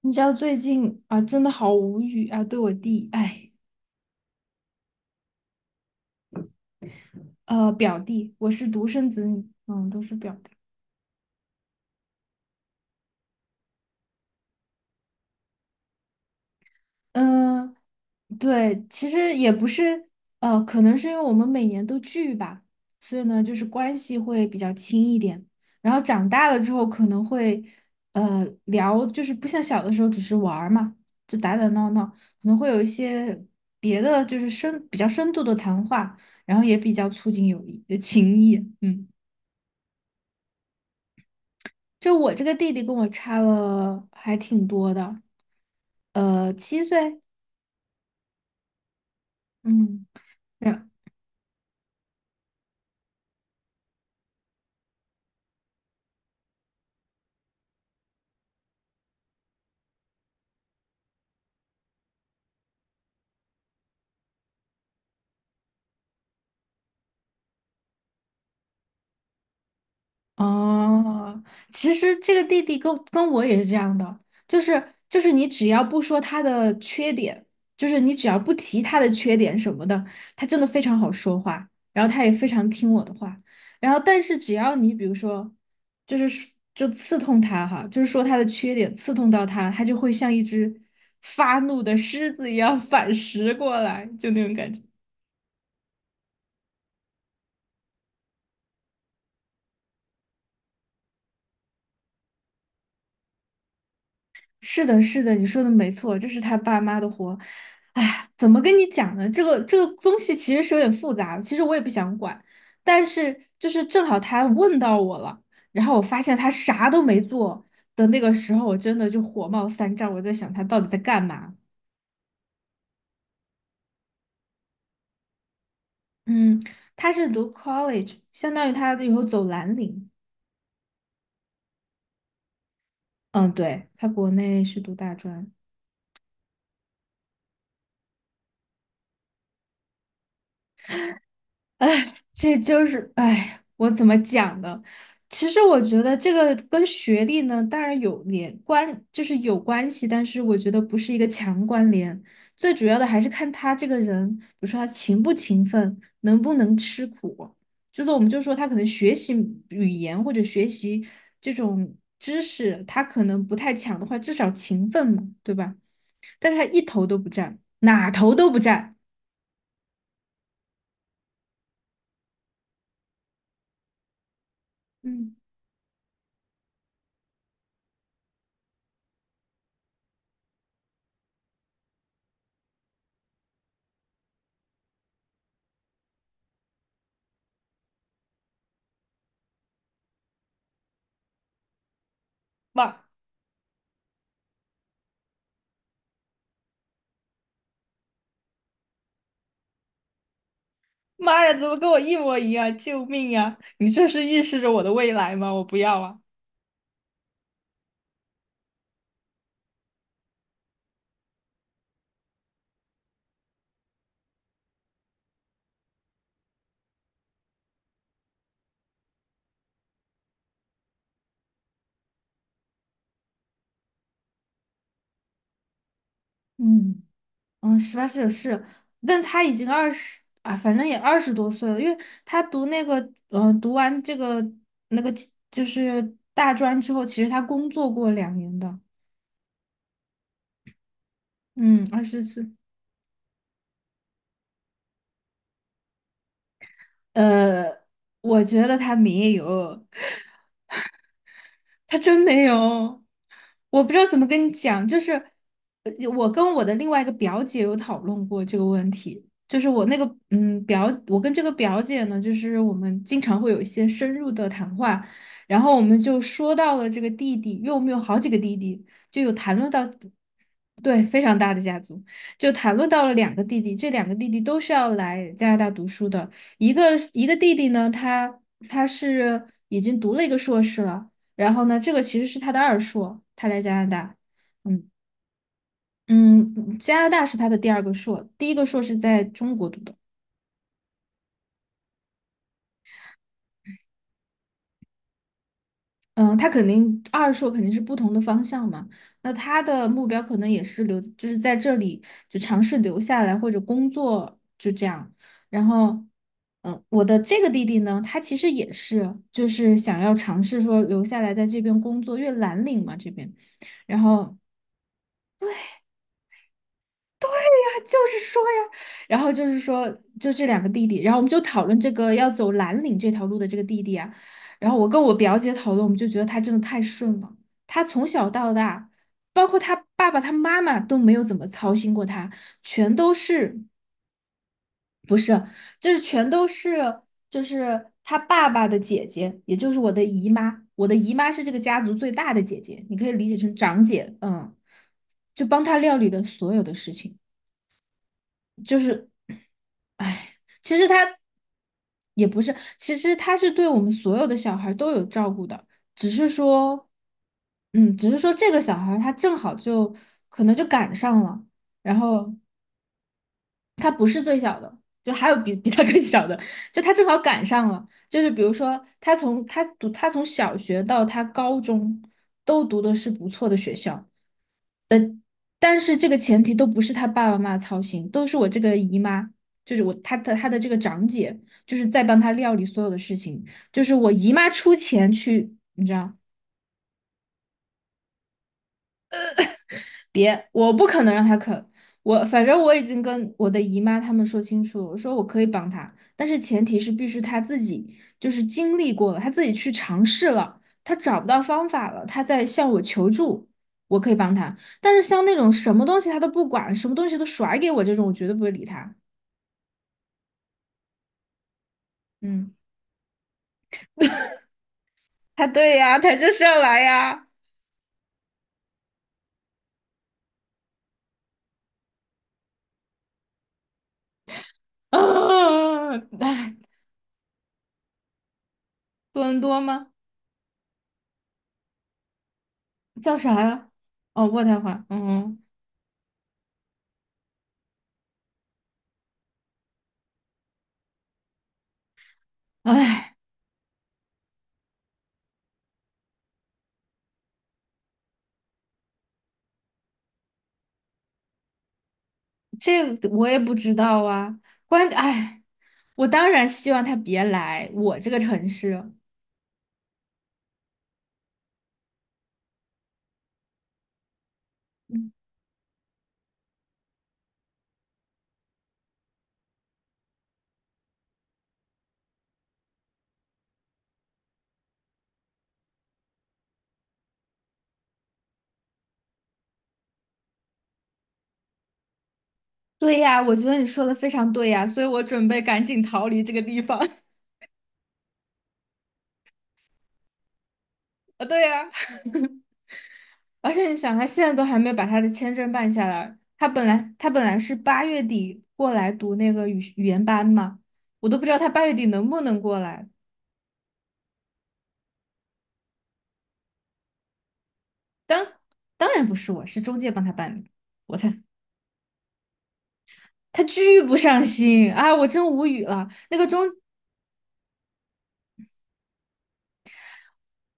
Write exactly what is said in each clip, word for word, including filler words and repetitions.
你知道最近啊，真的好无语啊！对我弟，哎，呃，表弟，我是独生子女，嗯，都是表弟。嗯、对，其实也不是，呃，可能是因为我们每年都聚吧，所以呢，就是关系会比较亲一点。然后长大了之后，可能会，呃，聊，就是不像小的时候只是玩儿嘛，就打打闹闹，可能会有一些别的，就是深比较深度的谈话，然后也比较促进友谊，呃情谊，嗯。就我这个弟弟跟我差了还挺多的，呃，七岁，嗯。哦，其实这个弟弟跟跟我也是这样的，就是就是你只要不说他的缺点，就是你只要不提他的缺点什么的，他真的非常好说话，然后他也非常听我的话，然后但是只要你比如说，就是说就刺痛他哈，就是说他的缺点刺痛到他，他就会像一只发怒的狮子一样 反噬过来，就那种感觉。是的，是的，你说的没错，这是他爸妈的活。哎，怎么跟你讲呢？这个这个东西其实是有点复杂的，其实我也不想管，但是就是正好他问到我了，然后我发现他啥都没做的那个时候，我真的就火冒三丈，我在想他到底在干嘛？嗯，他是读 college，相当于他以后走蓝领。嗯，对，他国内是读大专。哎，这就是哎，我怎么讲呢？其实我觉得这个跟学历呢，当然有连关，就是有关系，但是我觉得不是一个强关联。最主要的还是看他这个人，比如说他勤不勤奋，能不能吃苦。就是我们就说他可能学习语言或者学习这种知识，他可能不太强的话，至少勤奋嘛，对吧？但是他一头都不占，哪头都不占。嗯，哇妈呀，怎么跟我一模一样？救命呀！你这是预示着我的未来吗？我不要啊！嗯嗯，十八岁是，但他已经二十啊，反正也二十多岁了，因为他读那个呃，读完这个那个就是大专之后，其实他工作过两年的，嗯，二十四，呃，我觉得他没有，他真没有，我不知道怎么跟你讲，就是呃我跟我的另外一个表姐有讨论过这个问题，就是我那个嗯表，我跟这个表姐呢，就是我们经常会有一些深入的谈话，然后我们就说到了这个弟弟，因为我们有好几个弟弟，就有谈论到，对，非常大的家族，就谈论到了两个弟弟，这两个弟弟都是要来加拿大读书的，一个一个弟弟呢，他他是已经读了一个硕士了。然后呢，这个其实是他的二硕，他来加拿大，嗯嗯，加拿大是他的第二个硕，第一个硕是在中国读的，嗯，他肯定二硕肯定是不同的方向嘛，那他的目标可能也是留，就是在这里就尝试留下来或者工作就这样，然后。嗯，我的这个弟弟呢，他其实也是，就是想要尝试说留下来在这边工作，因为蓝领嘛这边，然后就是说呀，然后就是说，就这两个弟弟，然后我们就讨论这个要走蓝领这条路的这个弟弟啊，然后我跟我表姐讨论，我们就觉得他真的太顺了，他从小到大，包括他爸爸、他妈妈都没有怎么操心过他，全都是，就是全都是，就是他爸爸的姐姐，也就是我的姨妈，我的姨妈是这个家族最大的姐姐，你可以理解成长姐，嗯，就帮他料理的所有的事情。就是，哎，其实他也不是，其实他是对我们所有的小孩都有照顾的，只是说，嗯，只是说这个小孩他正好就可能就赶上了，然后他不是最小的，就还有比比他更小的，就他正好赶上了，就是比如说他从他读他从小学到他高中都读的是不错的学校。但是这个前提都不是他爸爸妈妈操心，都是我这个姨妈，就是我他的他的这个长姐，就是在帮他料理所有的事情，就是我姨妈出钱去，你知道，别，我不可能让他啃，我反正我已经跟我的姨妈他们说清楚了，我说我可以帮他，但是前提是必须他自己就是经历过了，他自己去尝试了，他找不到方法了，他在向我求助，我可以帮他。但是像那种什么东西他都不管，什么东西都甩给我这种，我绝对不会理他。嗯，他对呀，他就是要来呀。啊，哎，多伦多吗？叫啥呀？哦，渥太华。嗯，哎，这个我也不知道啊。关，哎，我当然希望他别来我这个城市。对呀，我觉得你说的非常对呀，所以我准备赶紧逃离这个地方。啊，对呀。而且你想，他现在都还没有把他的签证办下来。他本来他本来是八月底过来读那个语语言班嘛，我都不知道他八月底能不能过来。当当然不是我，是中介帮他办的。我才他巨不上心啊，我真无语了。那个中，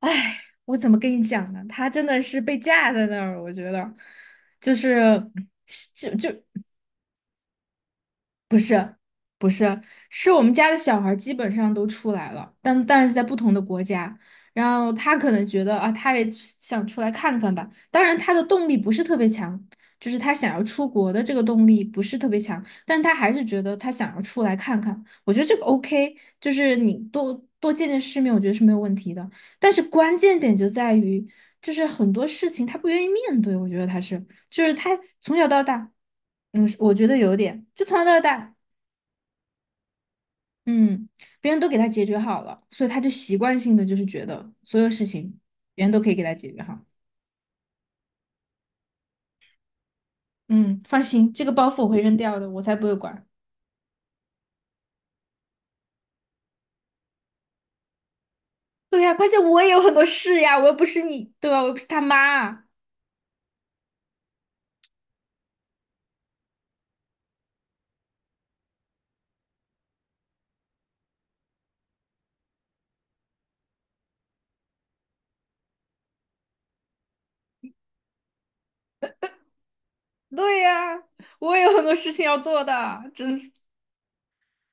唉，我怎么跟你讲呢？他真的是被架在那儿，我觉得就是就就不是，是我们家的小孩儿基本上都出来了，但但是在不同的国家，然后他可能觉得啊，他也想出来看看吧。当然，他的动力不是特别强，就是他想要出国的这个动力不是特别强，但他还是觉得他想要出来看看。我觉得这个 O K，就是你多多见见世面，我觉得是没有问题的。但是关键点就在于，就是很多事情他不愿意面对，我觉得他是，就是他从小到大，嗯，我觉得有点，就从小到大。嗯，别人都给他解决好了，所以他就习惯性的就是觉得所有事情别人都可以给他解决好。嗯，放心，这个包袱我会扔掉的，我才不会管。对呀，关键我也有很多事呀，我又不是你，对吧？我又不是他妈。对呀，我也有很多事情要做的，真是。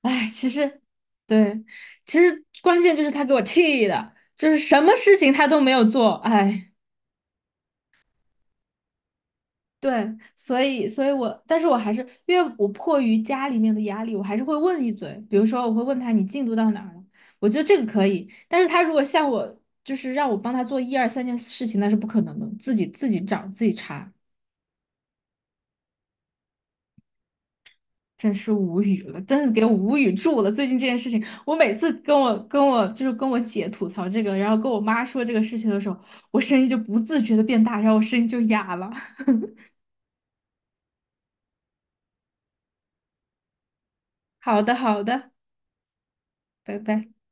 哎，其实，对，其实关键就是他给我气的，就是什么事情他都没有做，哎。对，所以，所以我，但是我还是因为我迫于家里面的压力，我还是会问一嘴。比如说，我会问他你进度到哪儿了？我觉得这个可以。但是他如果像我，就是让我帮他做一二三件事情，那是不可能的，自己自己找自己查，真是无语了，真是给我无语住了。最近这件事情，我每次跟我跟我就是跟我姐吐槽这个，然后跟我妈说这个事情的时候，我声音就不自觉的变大，然后我声音就哑了。好的，好的，拜拜。